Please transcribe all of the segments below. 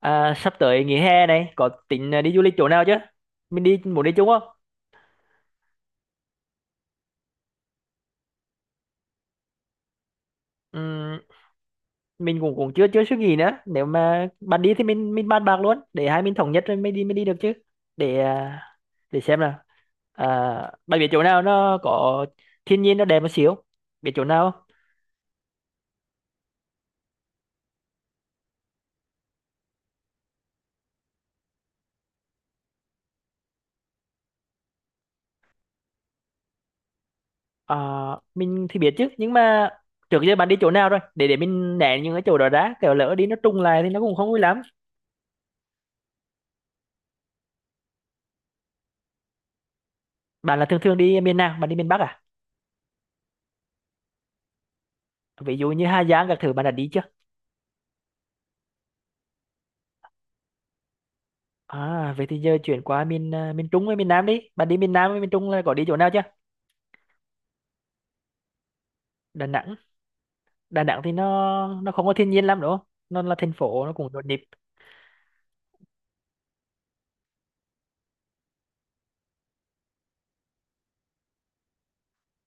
À, sắp tới nghỉ hè này có tính đi du lịch chỗ nào chứ? Mình đi muốn đi chung không? Ừm, mình cũng cũng chưa chưa suy nghĩ nữa. Nếu mà bạn đi thì mình bàn bạc luôn để hai mình thống nhất rồi mới đi được chứ. Để à, để xem nào. À, bạn biết chỗ nào nó có thiên nhiên nó đẹp một xíu. Biết chỗ nào không? À, mình thì biết chứ nhưng mà trước giờ bạn đi chỗ nào rồi? Để mình né những cái chỗ đó ra. Kiểu lỡ đi nó trùng lại thì nó cũng không vui lắm. Bạn là thường thường đi miền nào? Bạn đi miền Bắc à? Ví dụ như Hà Giang các thứ bạn đã đi chưa? À, vậy thì giờ chuyển qua miền Trung với miền Nam đi. Bạn đi miền Nam với miền Trung là có đi chỗ nào chưa? Đà Nẵng. Đà Nẵng thì nó không có thiên nhiên lắm đúng không? Nó là thành phố nó cũng nhộn nhịp.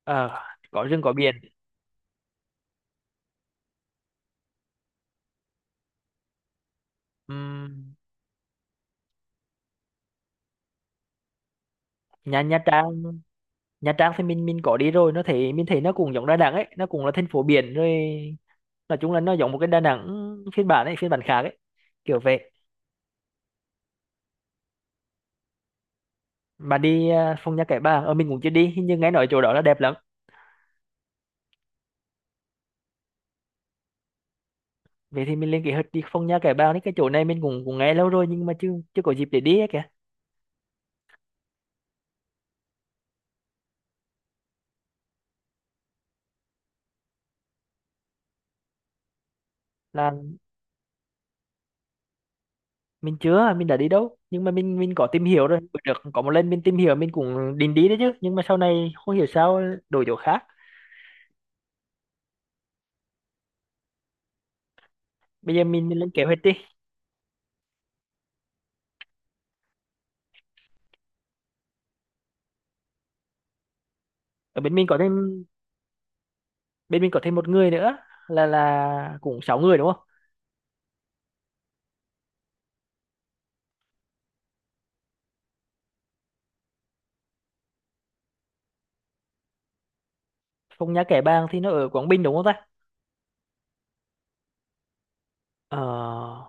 Ờ, có rừng có biển. Ừm, Nha Nha Trang, Nha Trang thì mình có đi rồi, nó thấy mình thấy nó cũng giống Đà Nẵng ấy, nó cũng là thành phố biển rồi. Nói chung là nó giống một cái Đà Nẵng phiên bản ấy, phiên bản khác ấy. Kiểu vậy. Bạn đi Phong Nha Kẻ Bàng, ở mình cũng chưa đi, nhưng nghe nói chỗ đó là đẹp lắm. Vậy thì mình lên kế hoạch đi Phong Nha Kẻ Bàng đấy. Cái chỗ này mình cũng cũng nghe lâu rồi nhưng mà chưa chưa có dịp để đi ấy kìa. Là mình chưa, mình đã đi đâu, nhưng mà mình có tìm hiểu rồi. Bữa được có một lần mình tìm hiểu, mình cũng định đi đấy chứ nhưng mà sau này không hiểu sao đổi chỗ khác. Bây giờ mình lên kế hoạch đi. Ở bên mình có thêm Bên mình có thêm một người nữa. Là cũng sáu người đúng không? Phong Nha Kẻ Bàng thì nó ở Quảng Bình đúng không ta? ờ,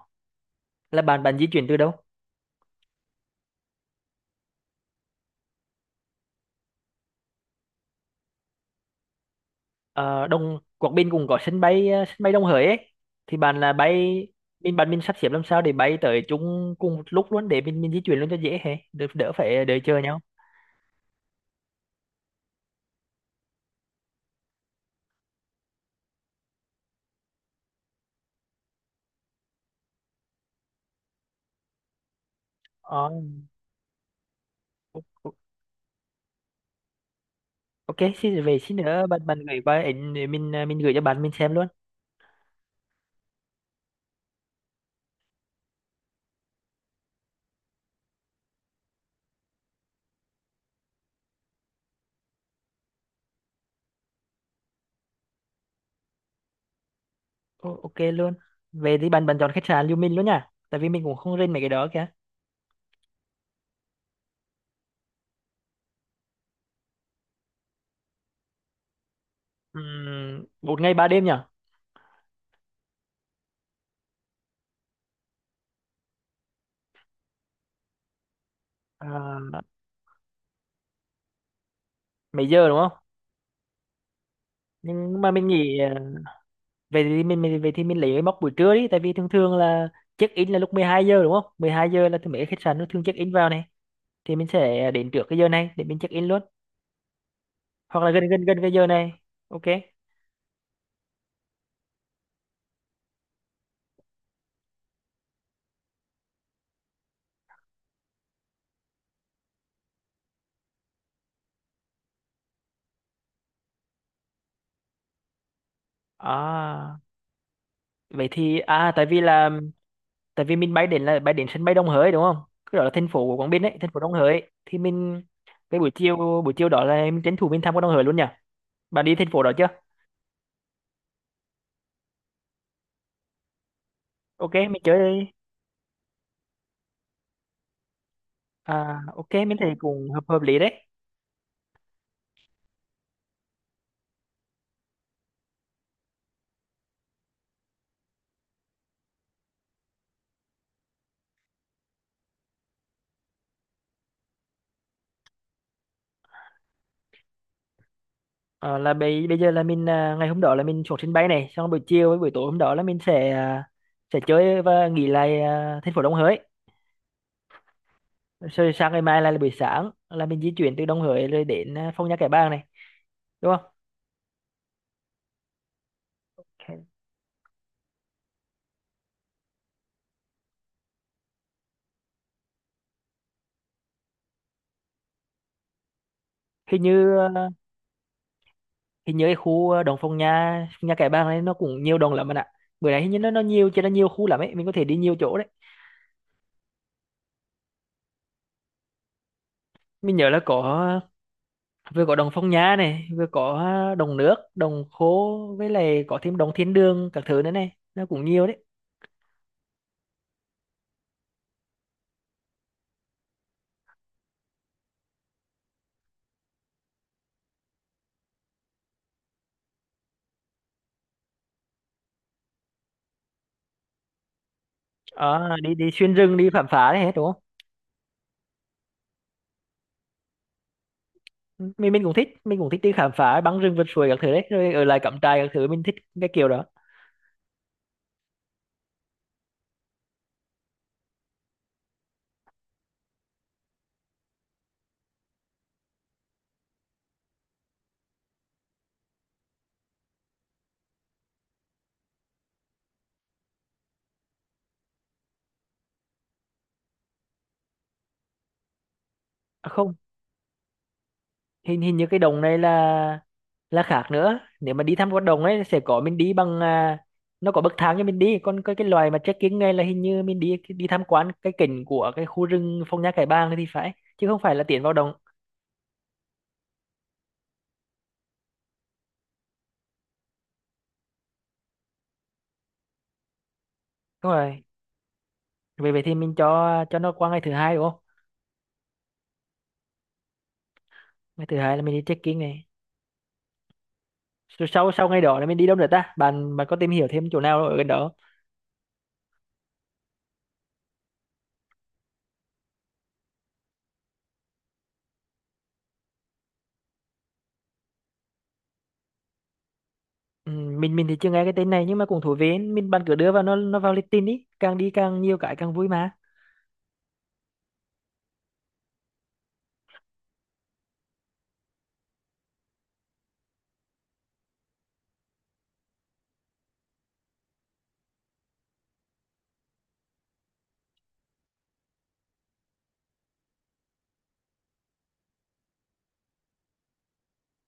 là bạn bạn di chuyển từ đâu? Ờ, đông Quảng Bình cũng có sân bay Đông Hới ấy. Thì bạn là bay. Bạn mình sắp xếp làm sao để bay tới chung cùng lúc luôn để mình di chuyển luôn cho dễ hè đỡ phải đợi chờ nhau. ờ, o- o- ok, xin về xin nữa bạn bạn gửi qua ảnh để mình gửi cho bạn mình xem luôn. Ô, ok luôn. Về thì bạn bạn chọn khách sạn lưu mình luôn nha, tại vì mình cũng không rên mấy cái đó kìa. Một ngày ba đêm nhỉ? à, Mấy giờ đúng không? Nhưng mà mình nghỉ. Vậy thì mình lấy cái mốc buổi trưa đi, tại vì thường thường là check in là lúc 12 giờ đúng không? 12 giờ là thường mấy cái khách sạn nó thường check in vào này. Thì mình sẽ đến trước cái giờ này để mình check in luôn. Hoặc là gần gần gần cái giờ này. Ok. à Vậy thì tại vì là. Tại vì mình bay đến sân bay Đông Hới đúng không? Cái đó là thành phố của Quảng Bình ấy, thành phố Đông Hới thì mình. Cái buổi chiều đó là mình tranh thủ mình tham quan Đông Hới luôn nhỉ? Bạn đi thành phố đó chưa? Ok, mình chơi. Ok, mình thấy cũng hợp hợp lý đấy. Ờ, là bây bây giờ là ngày hôm đó là mình xuống sân bay này, xong buổi chiều với buổi tối hôm đó là mình sẽ sẽ chơi và nghỉ lại thành phố Đồng Hới. Rồi sáng ngày mai là buổi sáng là mình di chuyển từ Đồng Hới rồi đến Phong Nha Kẻ Bàng này. Đúng không? hình như à, Hình như cái khu Đồng Phong Nha Kẻ Bàng này nó cũng nhiều đồng lắm bạn ạ. Bữa nay hình như nó nhiều cho nó nhiều khu lắm ấy, mình có thể đi nhiều chỗ đấy. Mình nhớ là vừa có đồng Phong Nhã này, vừa có đồng nước đồng khố, với lại có thêm đồng Thiên Đường các thứ nữa này, nó cũng nhiều đấy. Ờ, đi đi xuyên rừng đi khám phá đấy hết đúng không? Ừ, mình cũng thích đi khám phá băng rừng vượt suối các thứ đấy, rồi ở lại cắm trại các thứ mình thích cái kiểu đó. À, không. Hình hình như cái đồng này là khác nữa, nếu mà đi thăm con đồng ấy sẽ có mình đi bằng nó có bậc thang cho mình đi. Còn cái loài mà trekking này là hình như mình đi đi tham quan cái cảnh của cái khu rừng Phong Nha Kẻ Bàng thì phải. Chứ không phải là tiến vào đồng. Đúng rồi. Vậy vậy thì mình cho nó qua ngày thứ hai đúng không? Ngày thứ hai là mình đi check-in này. Rồi sau sau ngày đó là mình đi đâu nữa ta? Bạn bạn có tìm hiểu thêm chỗ nào ở gần đó? Ừ, mình thì chưa nghe cái tên này nhưng mà cũng thú vị ấy. Mình bạn cứ đưa vào nó vào lịch tin đi càng nhiều cái càng vui mà.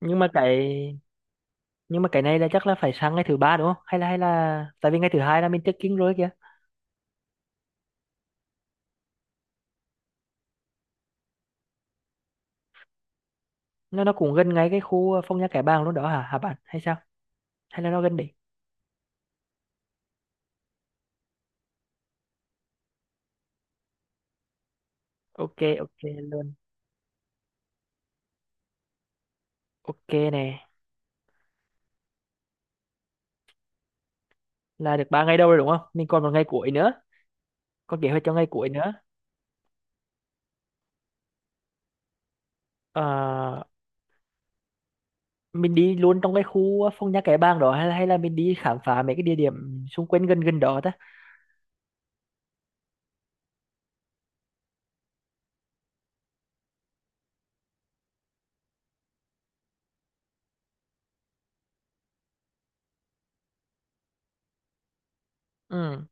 Nhưng mà cái nhưng mà cái này là chắc là phải sang ngày thứ ba đúng không? Hay là tại vì ngày thứ hai là mình check-in rồi kìa. Nó cũng gần ngay cái khu Phong Nha Kẻ Bàng luôn đó hả hả bạn? Hay sao? Hay là nó gần đi? Ok, ok luôn. Ok nè. Là được ba ngày đâu rồi đúng không? Mình còn một ngày cuối nữa. Còn kế hoạch cho ngày cuối nữa. Ờ, mình đi luôn trong cái khu Phong Nha Kẻ Bàng đó, hay là mình đi khám phá mấy cái địa điểm xung quanh gần gần đó ta? Ừ,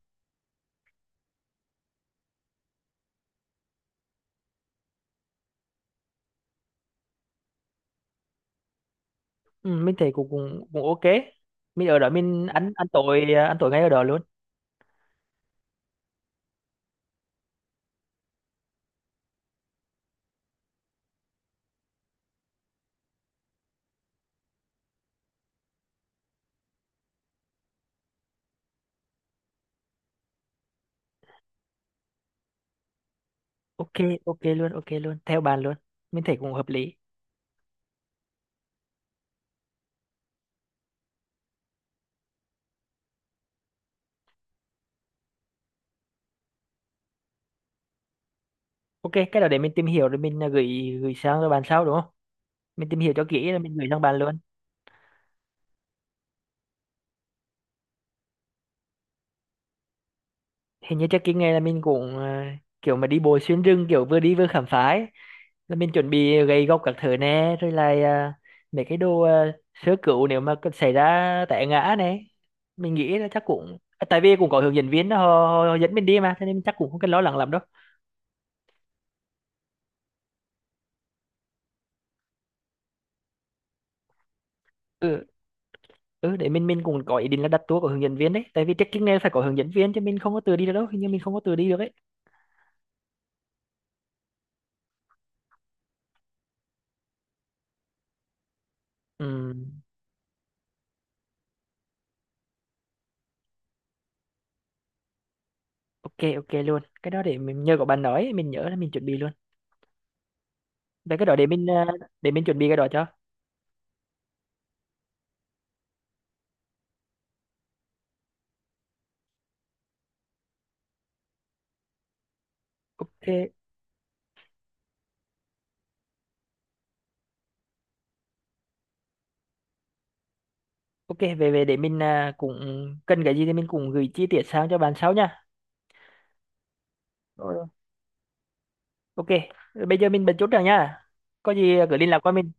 ừ, mình thấy cũng cũng cũng ok. Mình ở đó mình ăn ăn tối à, ăn tối ngay ở đó luôn. Ok, ok luôn, ok luôn theo bạn luôn. Mình thấy cũng hợp lý. Ok, cái đó để mình tìm hiểu rồi mình gửi gửi sang cho bạn sau đúng không? Mình tìm hiểu cho kỹ rồi mình gửi sang bạn luôn. Hình như chắc cái ngày là mình cũng kiểu mà đi bộ xuyên rừng, kiểu vừa đi vừa khám phá ấy. Là mình chuẩn bị gậy gộc các thứ nè, rồi là mấy cái đồ sơ cứu nếu mà có xảy ra té ngã này. Mình nghĩ là chắc cũng tại vì cũng có hướng dẫn viên đó, họ, họ họ dẫn mình đi mà, cho nên chắc cũng không cần lo lắng lắm đâu. Ừ, ừ, để mình cũng có ý định là đặt tour của hướng dẫn viên đấy, tại vì trekking này phải có hướng dẫn viên chứ mình không có tự đi được đâu. Hình như mình không có tự đi được ấy. Ừ, ok, ok luôn, cái đó để mình nhờ có bạn nói mình nhớ là mình chuẩn bị luôn. Vậy cái đó để để mình chuẩn bị cái đó cho. Ok. Ok, về về để mình cũng cần cái gì thì mình cũng gửi chi tiết sang cho bạn sau nha. Rồi. Ok. Bây giờ mình bật chút rồi nha. Có gì cứ liên lạc qua mình.